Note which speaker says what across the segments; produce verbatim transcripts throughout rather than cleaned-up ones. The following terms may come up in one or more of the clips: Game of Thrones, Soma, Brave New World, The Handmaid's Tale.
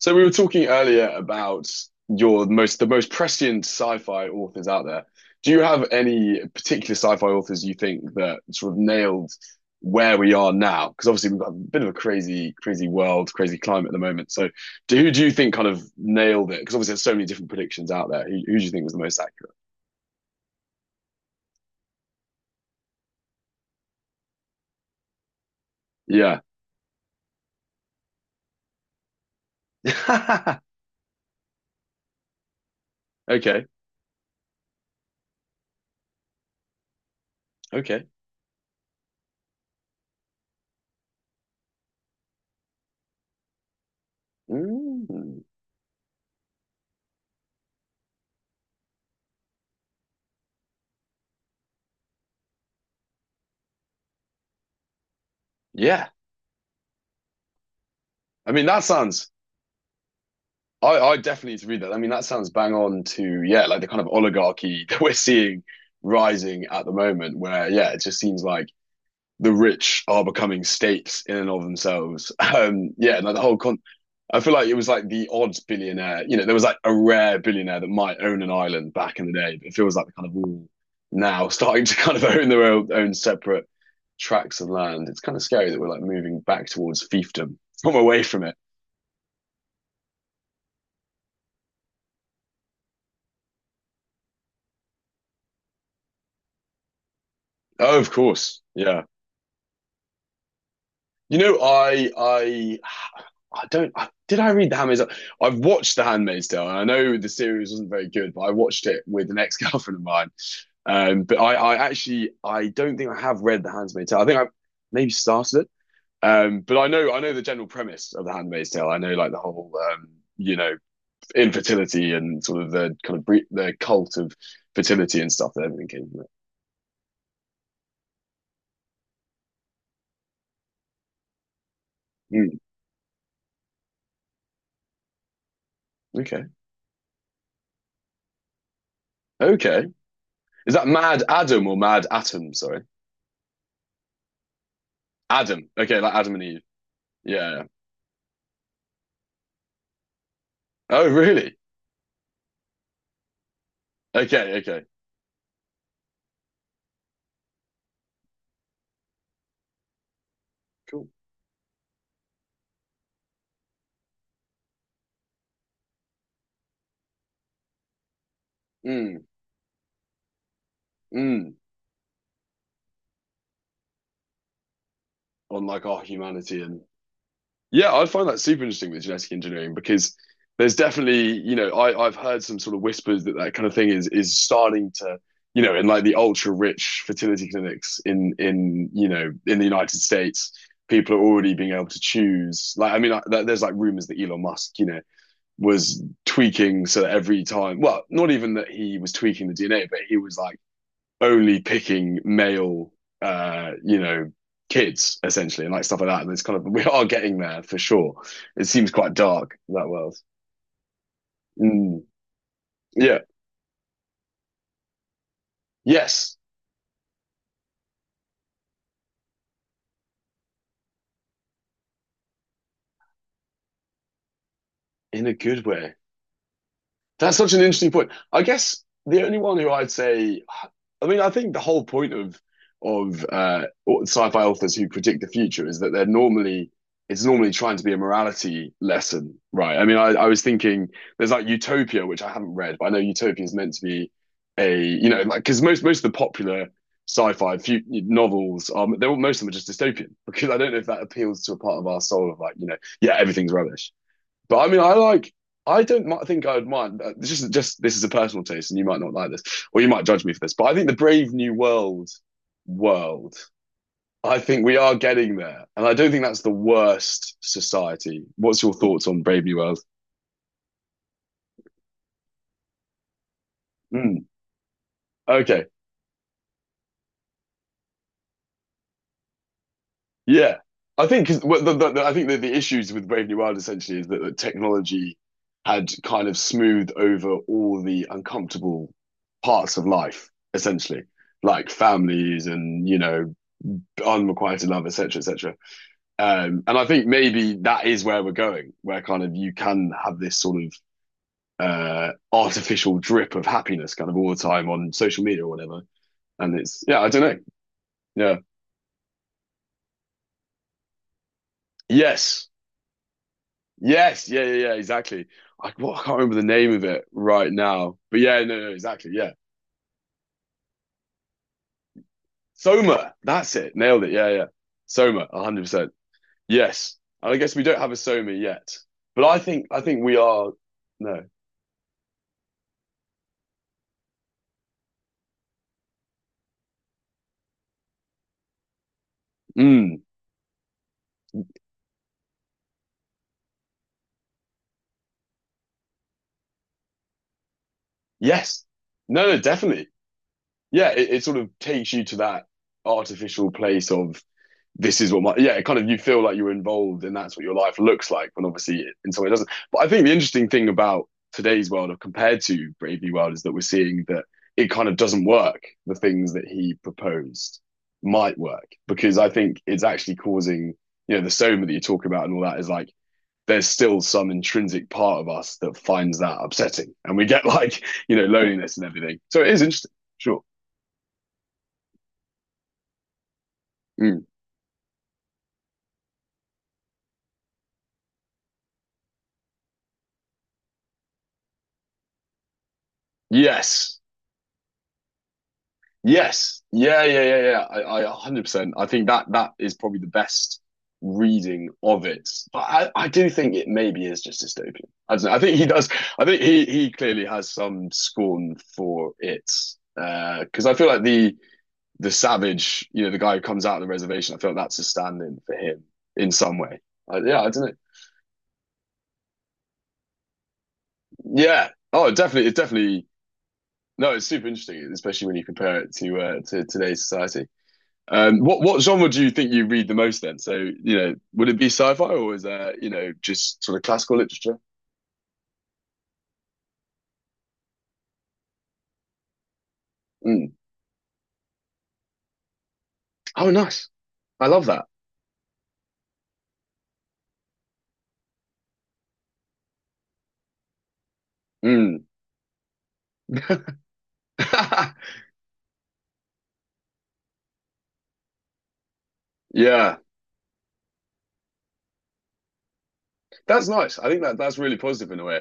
Speaker 1: So we were talking earlier about your most the most prescient sci-fi authors out there. Do you have any particular sci-fi authors you think that sort of nailed where we are now? Because obviously we've got a bit of a crazy, crazy world, crazy climate at the moment. So do, who do you think kind of nailed it? Because obviously there's so many different predictions out there. Who, who do you think was the most accurate? Yeah. Okay. Okay. Mm. Yeah. I mean, that sounds I, I definitely need to read that. I mean, that sounds bang on to, yeah, like the kind of oligarchy that we're seeing rising at the moment, where, yeah, it just seems like the rich are becoming states in and of themselves. Um, yeah, like the whole con, I feel like it was like the odd billionaire, you know, there was like a rare billionaire that might own an island back in the day, but it feels like the kind of all now starting to kind of own their own, own separate tracts of land. It's kind of scary that we're like moving back towards fiefdom from away from it. Oh, of course. Yeah. You know, I I I don't I, did I read The Handmaid's Tale? I've watched The Handmaid's Tale, and I know the series wasn't very good, but I watched it with an ex-girlfriend of mine. Um, but I, I actually I don't think I have read The Handmaid's Tale. I think I maybe started it. Um, but I know I know the general premise of The Handmaid's Tale. I know like the whole um, you know infertility and sort of the kind of bre- the cult of fertility and stuff that everything came from. it. Mm, okay, okay. Is that Mad Adam or Mad Atom? Sorry. Adam. Okay, like Adam and Eve. Yeah. yeah. Oh, really? Okay, okay. Cool. Mm, mm. On like our humanity and yeah, I find that super interesting with genetic engineering because there's definitely, you know, I, I've heard some sort of whispers that that kind of thing is is starting to, you know, in like the ultra rich fertility clinics in in you know in the United States, people are already being able to choose. Like, I mean, I, there's like rumors that Elon Musk, you know, was tweaking so that every time, well, not even that he was tweaking the D N A, but he was like only picking male, uh, you know, kids essentially and like stuff like that. And it's kind of, we are getting there for sure. It seems quite dark, that world. Mm, yeah. Yes. In a good way. That's such an interesting point. I guess the only one who I'd say, I mean, I think the whole point of of uh, sci-fi authors who predict the future is that they're normally it's normally trying to be a morality lesson, right? I mean, I, I was thinking there's like Utopia, which I haven't read, but I know Utopia is meant to be a you know like because most most of the popular sci-fi few novels are they're most of them are just dystopian because I don't know if that appeals to a part of our soul of like you know yeah, everything's rubbish but I mean, I like. I don't think I would mind. uh, This is just this is a personal taste, and you might not like this, or you might judge me for this. But I think the Brave New World world. I think we are getting there, and I don't think that's the worst society. What's your thoughts on Brave New World? Mm, okay, yeah, I think, what the, the, the- I think that the issues with Brave New World essentially is that the technology had kind of smoothed over all the uncomfortable parts of life, essentially, like families and you know Unrequited am required to love, et cetera, et cetera. Um, and I think maybe that is where we're going, where kind of you can have this sort of uh, artificial drip of happiness kind of all the time on social media or whatever. And it's yeah, I don't know. Yeah. Yes. Yes. Yeah. Yeah. Yeah. Exactly. I, well, I can't remember the name of it right now, but yeah, no, no, exactly. Yeah. Soma. That's it. Nailed it. Yeah. Yeah. Soma. one hundred percent. Yes. And I guess we don't have a Soma yet, but I think I think we are. No. Mm. Yes. No, no, definitely. Yeah, it, it sort of takes you to that artificial place of this is what my yeah, it kind of you feel like you're involved and that's what your life looks like, when obviously it, in some way it doesn't. But I think the interesting thing about today's world or compared to Brave New World is that we're seeing that it kind of doesn't work. The things that he proposed might work because I think it's actually causing, you know, the soma that you talk about and all that is like there's still some intrinsic part of us that finds that upsetting and we get like you know loneliness and everything so it is interesting sure. Mm. Yes, yes, yeah, yeah, yeah, yeah. I, I one hundred percent I think that that is probably the best reading of it but i, I do think it maybe is just dystopian. I don't know. I think he does. I think he he clearly has some scorn for it because uh, I feel like the the savage, you know, the guy who comes out of the reservation, I felt that's a stand in for him in some way. I, yeah, I don't know. Yeah. Oh, definitely. It's definitely, no, it's super interesting, especially when you compare it to uh, to today's society. Um, what what genre do you think you read the most then? So, you know, would it be sci-fi or is there, you know, just sort of classical literature? Mm. Oh, nice. I love that. Mm. Yeah. That's nice. I think that that's really positive in a way.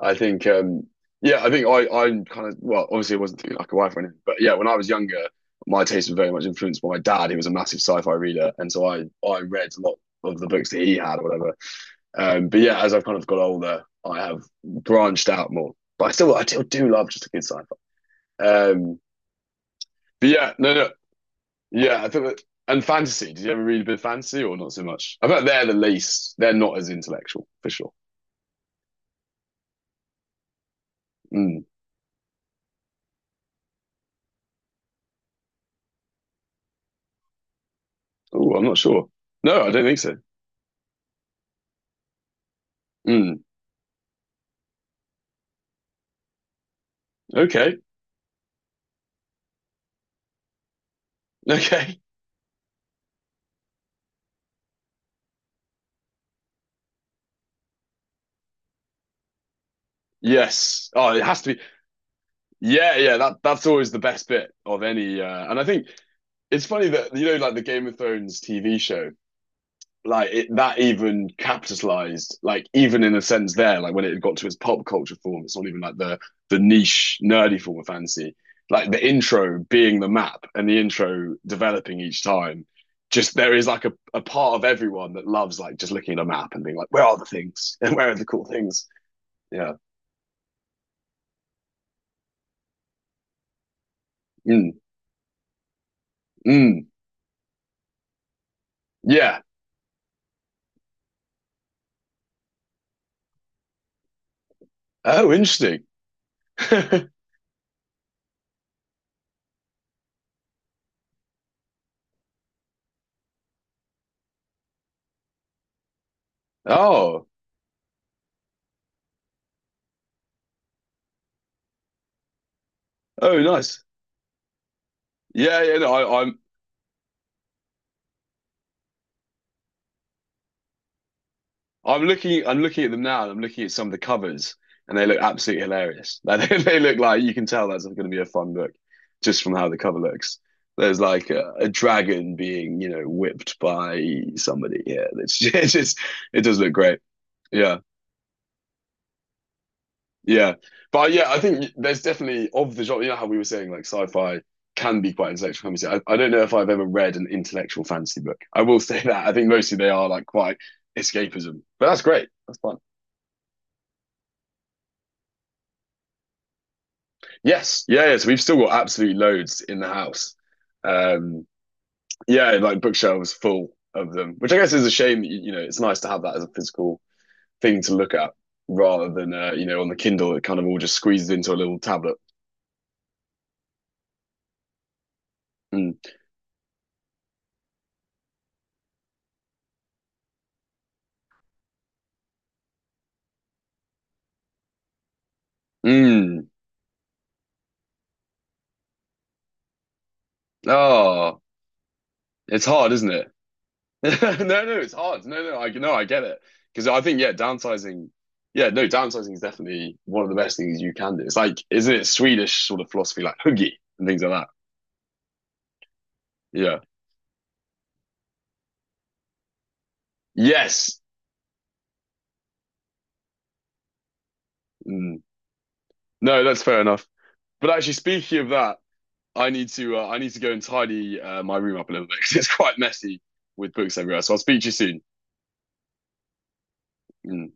Speaker 1: I think, um, yeah, I think I I kind of well, obviously, it wasn't through like a wife or anything, but yeah, when I was younger, my taste was very much influenced by my dad, He was a massive sci-fi reader, and so I I read a lot of the books that he had or whatever. Um, but yeah, as I've kind of got older, I have branched out more, but I still I still do love just a good sci-fi. Um, but yeah, no, no, yeah, I think that. And fantasy, did you ever read a bit of fantasy or not so much? I bet they're the least, they're not as intellectual for sure. Mm. Oh, I'm not sure. No, I don't think so. Mm. Okay. Okay. Yes. Oh, it has to be. Yeah, yeah. That that's always the best bit of any. Uh, and I think it's funny that you know, like the Game of Thrones T V show. Like it, that even capitalized, like even in a sense there, like when it got to its pop culture form, it's not even like the the niche nerdy form of fantasy, like the intro being the map and the intro developing each time, just there is like a, a part of everyone that loves like just looking at a map and being like where are the things and where are the cool things. Yeah. Mm, mm. Yeah. Oh, interesting. Oh. Oh, nice. Yeah, yeah. No, I, i'm I'm looking I'm looking at them now and I'm looking at some of the covers and they look absolutely hilarious. Like they, they look like you can tell that's going to be a fun book just from how the cover looks. There's like a, a dragon being, you know, whipped by somebody here. It's just, it's just it does look great. Yeah. Yeah. But yeah, I think there's definitely of the genre, you know how we were saying like sci-fi can be quite intellectual fantasy. I, I don't know if I've ever read an intellectual fantasy book, I will say that. I think mostly they are like quite escapism. But that's great. That's fun. Yes, yeah, yeah. So we've still got absolute loads in the house. Um, yeah, like bookshelves full of them, which I guess is a shame. You, you know, it's nice to have that as a physical thing to look at rather than uh, you know on the Kindle. It kind of all just squeezes into a little tablet. Mm. Mm. Oh, it's hard, isn't it? No, no, it's hard. No, no, I no, I get it because I think yeah, downsizing. Yeah, no, downsizing is definitely one of the best things you can do. It's like, isn't it Swedish sort of philosophy, like huggy and things like that? Yeah. Yes. Mm. No, that's fair enough. But actually, speaking of that, I need to uh, I need to go and tidy uh, my room up a little bit because it's quite messy with books everywhere. So I'll speak to you soon. Mm.